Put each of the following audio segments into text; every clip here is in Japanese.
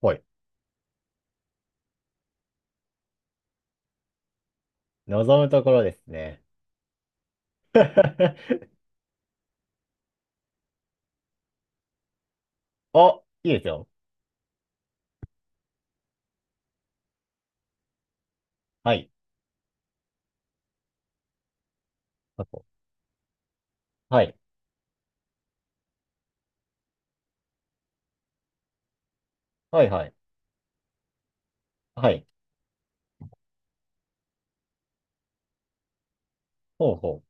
はい。望むところですね。あ、いいですよ。はい。あと、はい。はいはい。はい。ほうほ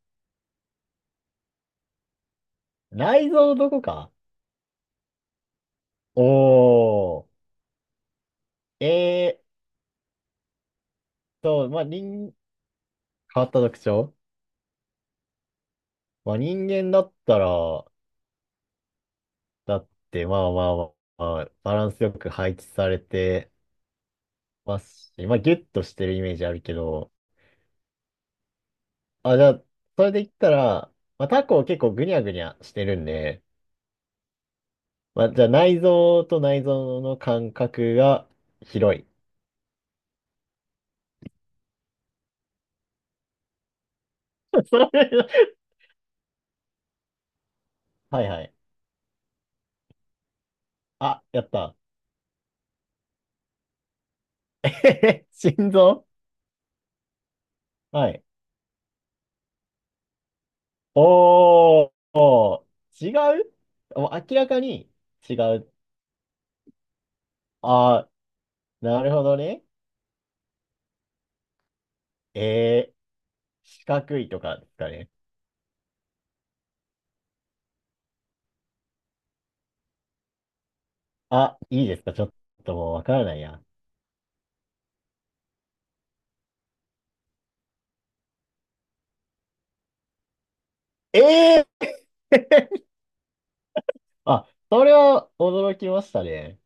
う。内臓どこか。おー。えーっまあ、人、変わった特徴。まあ、人間だったら、だって、まあバランスよく配置されてますし、まあ、ギュッとしてるイメージあるけど、あ、じゃあ、それで言ったら、まあ、タコ結構グニャグニャしてるんで、まあ、じゃあ内臓と内臓の間隔が広い。それ、はいはい。あ、やった。心臓、はい。おー、おー違う、もう明らかに違う。あー、なるほどね。えー、四角いとかですかね。あ、いいですか、ちょっともうわからないや。えー、あ、それは驚きましたね。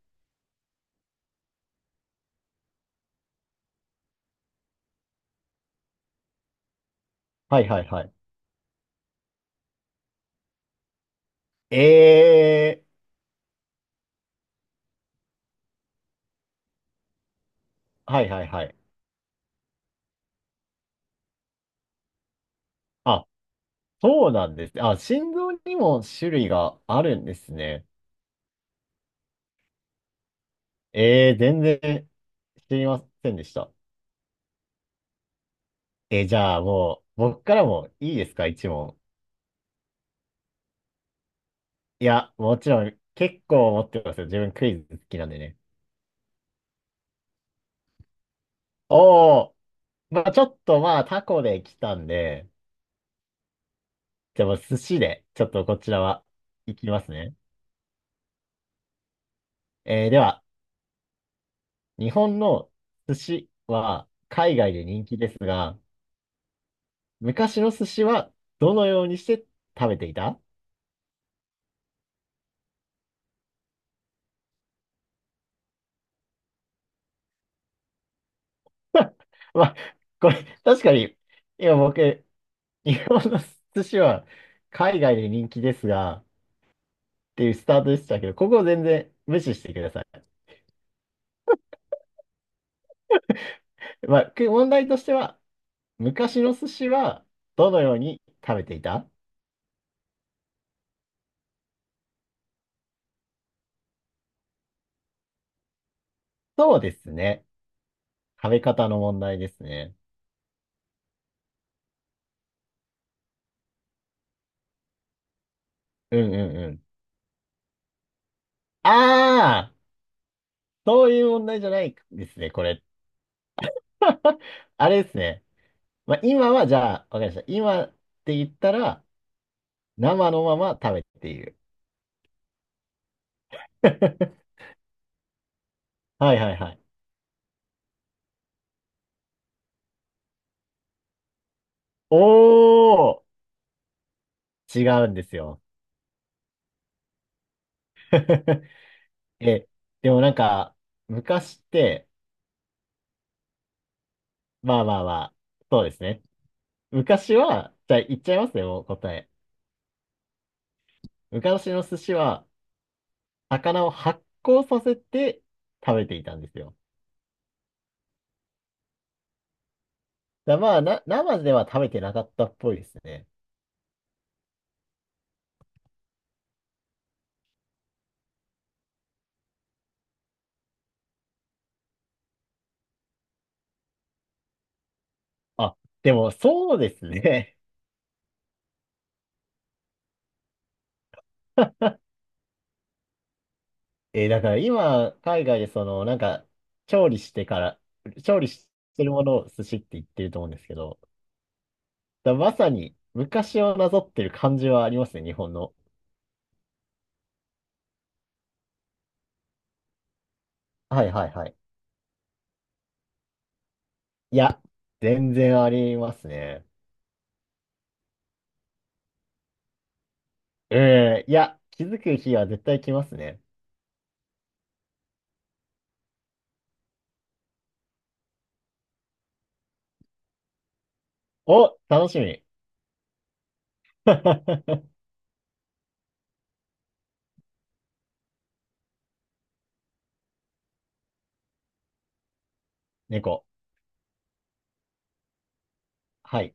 はいはいはい。えー、はいはいはい。あ、そうなんです。あ、心臓にも種類があるんですね。えー、全然知りませんでした。えー、じゃあもう、僕からもいいですか、一問。いや、もちろん、結構持ってますよ。自分クイズ好きなんでね。おー、まあちょっとまあタコで来たんで、じゃあもう寿司で、ちょっとこちらは、いきますね。えーでは、日本の寿司は海外で人気ですが、昔の寿司はどのようにして食べていた。 まあ、これ、確かに、今僕、日本の寿司は海外で人気ですが、っていうスタートでしたけど、ここを全然無視してください。まあ、く問題としては、昔の寿司はどのように食べていた。そうですね。食べ方の問題ですね。うんうんうん。ああ、そういう問題じゃないですね、これ。あれですね。まあ、今はじゃあ、わかりました。今って言ったら、生のまま食べている。はいはいはい。おー、違うんですよ。え、でもなんか、昔って、まあまあまあ、そうですね。昔は、じゃあ言っちゃいますね、もう答え。昔の寿司は、魚を発酵させて食べていたんですよ。だまあな、生では食べてなかったっぽいですね。あ、でもそうですね。えー、だから今、海外でその、なんか、調理してから、調理してるものを寿司って言ってると思うんですけど、だまさに昔をなぞってる感じはありますね、日本の。はいはいはい。いや、全然ありますね。うん、いや、気づく日は絶対来ますね。お、楽しみ。猫。はい。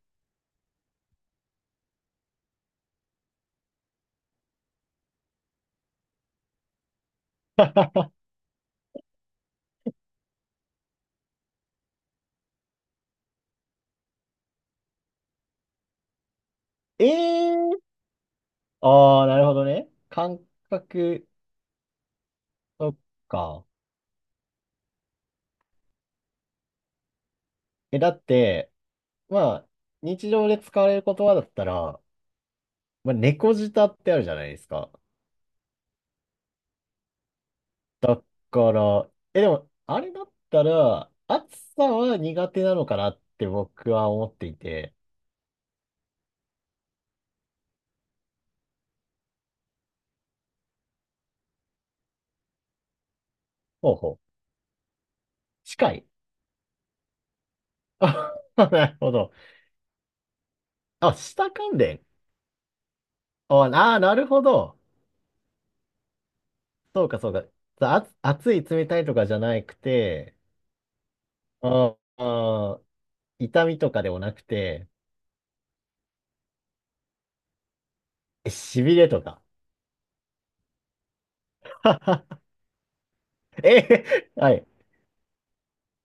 えー、ああ、なるほどね。感覚、そっか。え、だって、まあ、日常で使われる言葉だったら、まあ、猫舌ってあるじゃないですか。から、え、でも、あれだったら、暑さは苦手なのかなって僕は思っていて。ほうほう。近い。あ、なるほど。あ、下関連。あ、あ、なるほど。そうか、そうか。あ、暑い、冷たいとかじゃなくて、ああ、痛みとかでもなくて、え、しびれとか。え、はい、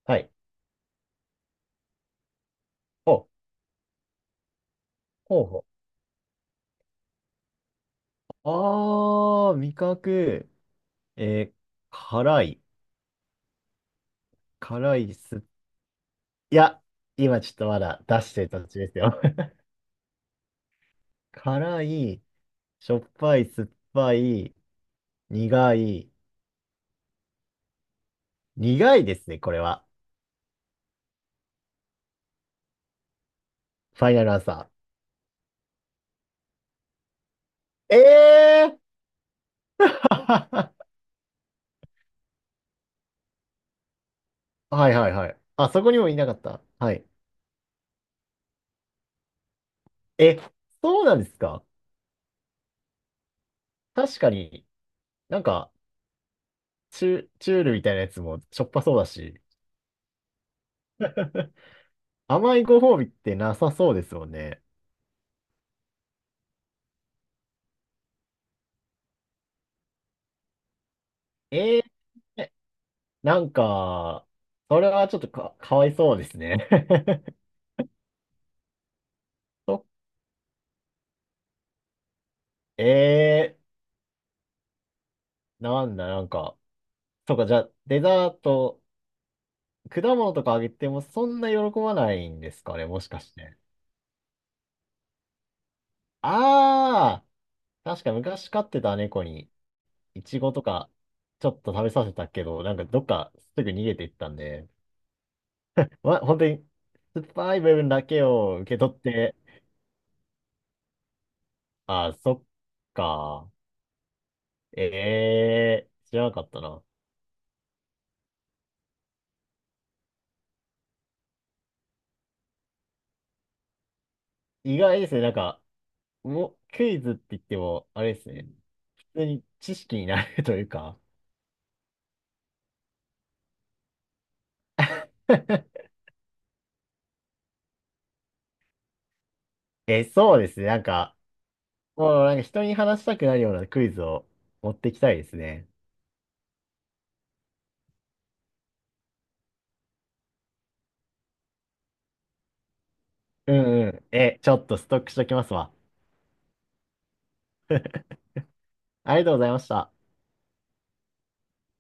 はい。ほう、ほうほう。ああ、味覚。えー辛い。辛い、酸っ、いや、今ちょっとまだ出してる途中ですよ。辛い、しょっぱい、酸っぱい、苦い、苦いですね、これは。ファイナルアンサー。ええー。 はいはいはい。あ、そこにもいなかった。はい。え、そうなんですか。確かに、なんか、チュ、チュールみたいなやつもしょっぱそうだし、甘いご褒美ってなさそうですもんね。えー、なんか、それはちょっとか、かわいそうですね。そえ、え、なんだ、なんか。そうか、じゃあ、デザート、果物とかあげてもそんな喜ばないんですかね、もしかして。ああ、確か昔飼ってた猫に、イチゴとか、ちょっと食べさせたけど、なんかどっかすぐ逃げていったんで、ま、本当に、酸っぱい部分だけを受け取って、ああ、そっか。ええ、知らなかったな。意外ですね、なんか、もう、クイズって言っても、あれですね、普通に知識になるというか、え、そうですね。なんか、もうなんか人に話したくなるようなクイズを持ってきたいですね。うんうん。え、ちょっとストックしときますわ。ありがとうございました。